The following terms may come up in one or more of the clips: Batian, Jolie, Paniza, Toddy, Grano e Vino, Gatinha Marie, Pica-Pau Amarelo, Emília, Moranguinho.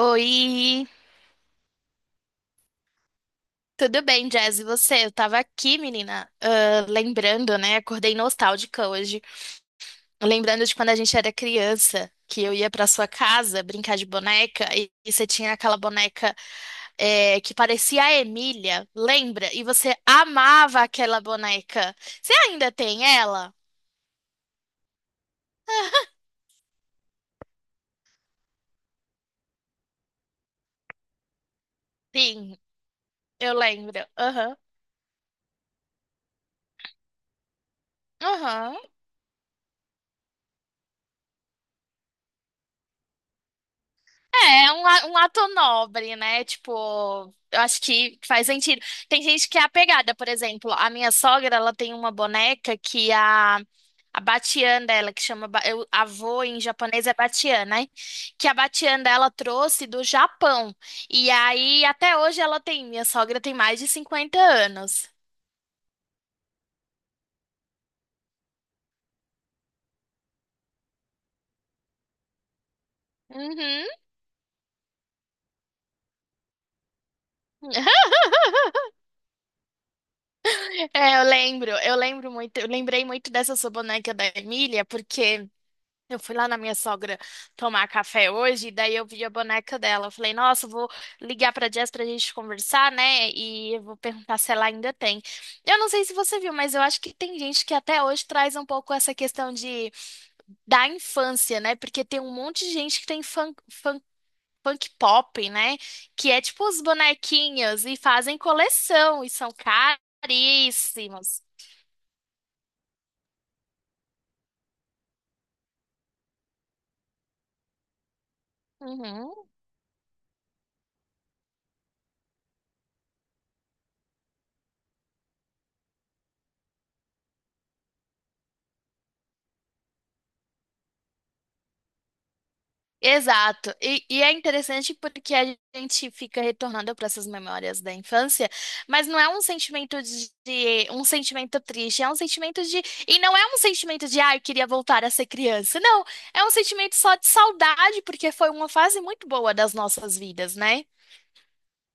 Oi, tudo bem, Jazz? E você? Eu tava aqui, menina, lembrando, né? Acordei nostálgica hoje. Lembrando de quando a gente era criança, que eu ia pra sua casa brincar de boneca e você tinha aquela boneca que parecia a Emília, lembra? E você amava aquela boneca. Você ainda tem ela? Sim, eu lembro. Aham, aham. É, um ato nobre, né? Tipo, eu acho que faz sentido. Tem gente que é apegada, por exemplo, a minha sogra, ela tem uma boneca que a Batian dela, que chama, avô em japonês é Batian, né? Que a Batian dela trouxe do Japão. E aí, até hoje ela tem, minha sogra tem mais de 50 anos. Uhum. É, eu lembro muito, eu lembrei muito dessa sua boneca da Emília, porque eu fui lá na minha sogra tomar café hoje, e daí eu vi a boneca dela. Eu falei, nossa, eu vou ligar pra Jess pra gente conversar, né? E eu vou perguntar se ela ainda tem. Eu não sei se você viu, mas eu acho que tem gente que até hoje traz um pouco essa questão de da infância, né? Porque tem um monte de gente que tem punk pop, né? Que é tipo os bonequinhos e fazem coleção e são caríssimos. Uhum. Exato. E é interessante porque a gente fica retornando para essas memórias da infância, mas não é um sentimento um sentimento triste, é um sentimento de, e não é um sentimento de ah, eu queria voltar a ser criança. Não, é um sentimento só de saudade porque foi uma fase muito boa das nossas vidas, né?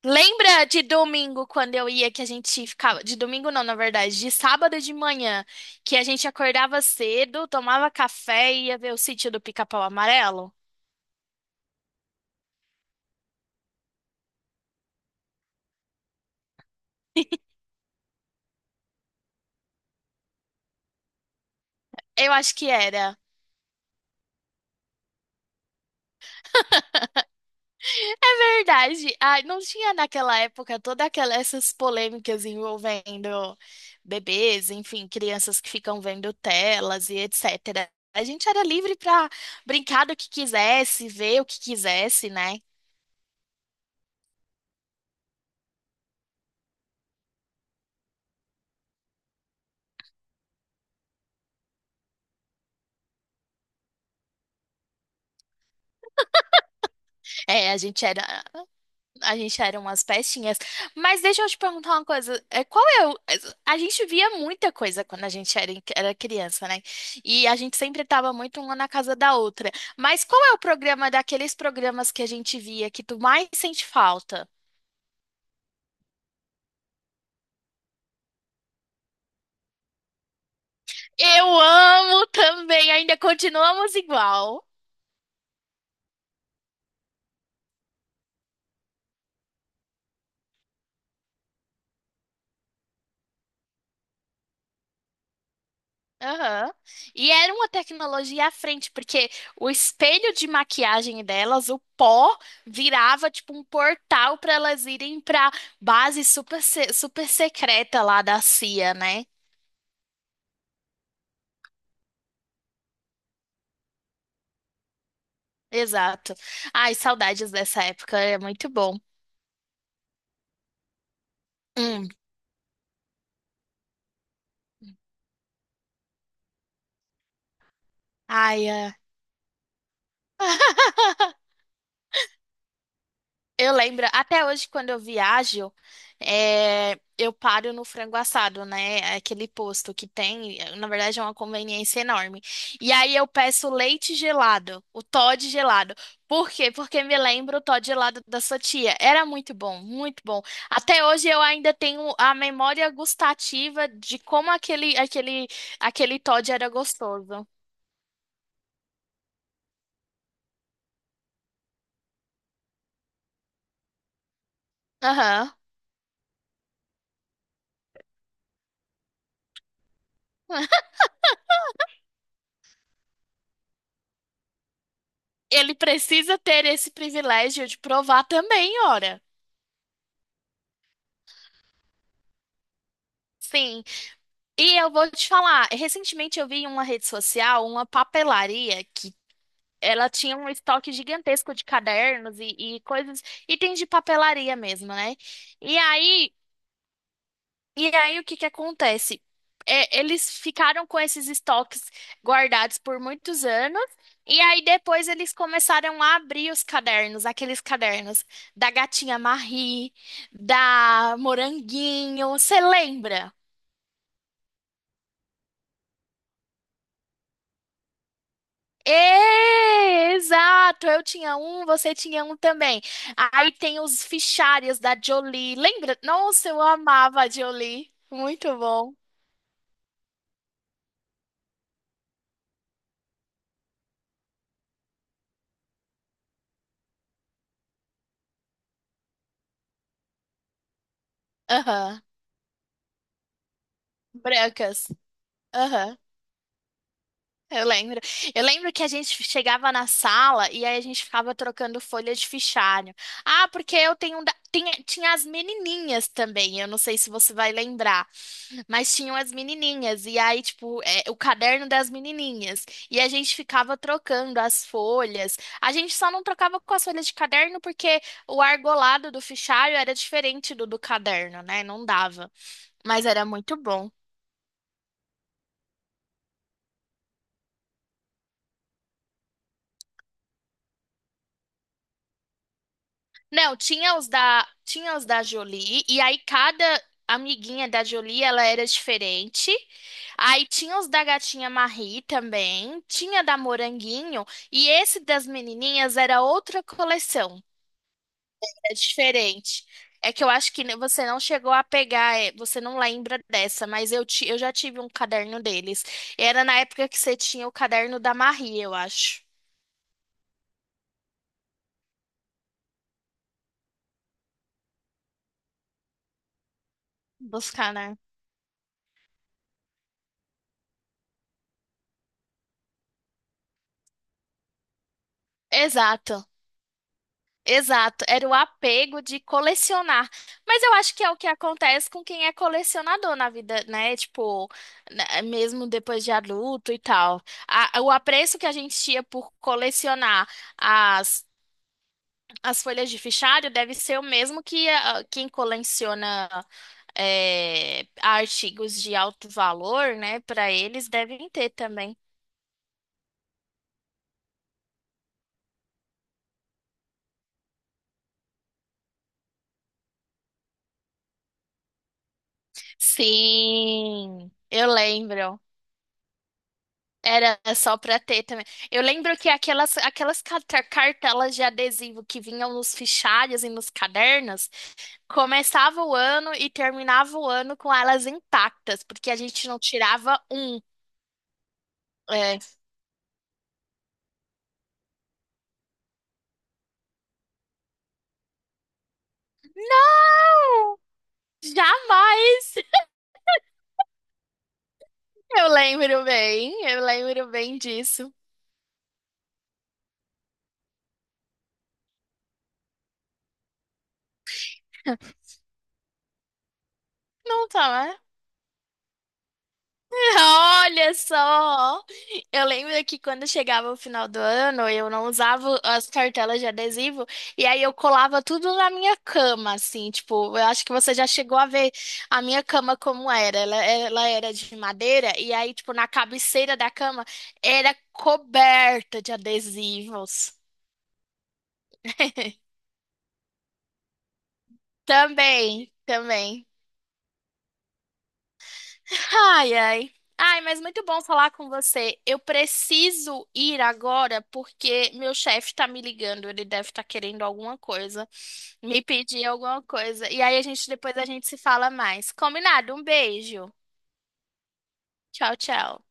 Lembra de domingo quando eu ia, que a gente ficava de domingo não, na verdade, de sábado de manhã, que a gente acordava cedo, tomava café e ia ver o Sítio do Pica-Pau Amarelo? Eu acho que era. É verdade. Ai, não tinha naquela época toda aquela, essas polêmicas envolvendo bebês, enfim, crianças que ficam vendo telas e etc. A gente era livre para brincar do que quisesse, ver o que quisesse, né? É, a gente era. A gente era umas pestinhas. Mas deixa eu te perguntar uma coisa. É, qual é o... A gente via muita coisa quando a gente era criança, né? E a gente sempre tava muito uma na casa da outra. Mas qual é o programa daqueles programas que a gente via que tu mais sente falta? Eu amo também, ainda continuamos igual. Aham. E era uma tecnologia à frente, porque o espelho de maquiagem delas, o pó, virava tipo um portal para elas irem para base super, se- super secreta lá da CIA, né? Exato. Ai, saudades dessa época, é muito bom. Hum. Ai, é. Eu lembro, até hoje, quando eu viajo, é, eu paro no Frango Assado, né? Aquele posto que tem, na verdade, é uma conveniência enorme. E aí eu peço leite gelado, o Toddy gelado. Por quê? Porque me lembro o Toddy gelado da sua tia. Era muito bom, muito bom. Até hoje eu ainda tenho a memória gustativa de como aquele Toddy era gostoso. Aham. Ele precisa ter esse privilégio de provar também, ora. Sim. E eu vou te falar, recentemente eu vi em uma rede social uma papelaria que ela tinha um estoque gigantesco de cadernos e coisas, itens de papelaria mesmo, né? E aí, e aí o que que acontece? É, eles ficaram com esses estoques guardados por muitos anos, e aí depois eles começaram a abrir os cadernos, aqueles cadernos da Gatinha Marie, da Moranguinho, você lembra? É, exato. Eu tinha um, você tinha um também. Aí tem os fichários da Jolie. Lembra? Nossa, eu amava a Jolie. Muito bom. Aham. Brancas. Aham. Eu lembro. Eu lembro que a gente chegava na sala e aí a gente ficava trocando folha de fichário. Ah, porque eu tenho um da... tinha as menininhas também. Eu não sei se você vai lembrar. Mas tinham as menininhas, e aí, tipo, é, o caderno das menininhas. E a gente ficava trocando as folhas. A gente só não trocava com as folhas de caderno porque o argolado do fichário era diferente do caderno, né? Não dava. Mas era muito bom. Não, tinha os da Jolie, e aí cada amiguinha da Jolie, ela era diferente. Aí tinha os da Gatinha Marie também, tinha da Moranguinho, e esse das menininhas era outra coleção. É diferente. É que eu acho que você não chegou a pegar, é, você não lembra dessa, mas eu já tive um caderno deles. Era na época que você tinha o caderno da Marie, eu acho. Buscar, né? Exato, exato. Era o apego de colecionar. Mas eu acho que é o que acontece com quem é colecionador na vida, né? Tipo, né, mesmo depois de adulto e tal. O apreço que a gente tinha por colecionar as, as folhas de fichário deve ser o mesmo que quem coleciona é, artigos de alto valor, né? Para eles devem ter também. Sim, eu lembro. Era só para ter também. Eu lembro que aquelas cartelas de adesivo que vinham nos fichários e nos cadernos, começava o ano e terminava o ano com elas intactas, porque a gente não tirava um. É. Não! Jamais! Eu lembro bem disso. Não tá, né? Olha só! Eu lembro que quando chegava o final do ano, eu não usava as cartelas de adesivo, e aí eu colava tudo na minha cama, assim, tipo, eu acho que você já chegou a ver a minha cama como era. Ela era de madeira, e aí, tipo, na cabeceira da cama era coberta de adesivos. Também, também. Ai, ai. Ai, mas muito bom falar com você. Eu preciso ir agora porque meu chefe tá me ligando. Ele deve estar querendo alguma coisa, me pedir alguma coisa. E aí a gente depois, a gente se fala mais. Combinado? Um beijo. Tchau, tchau.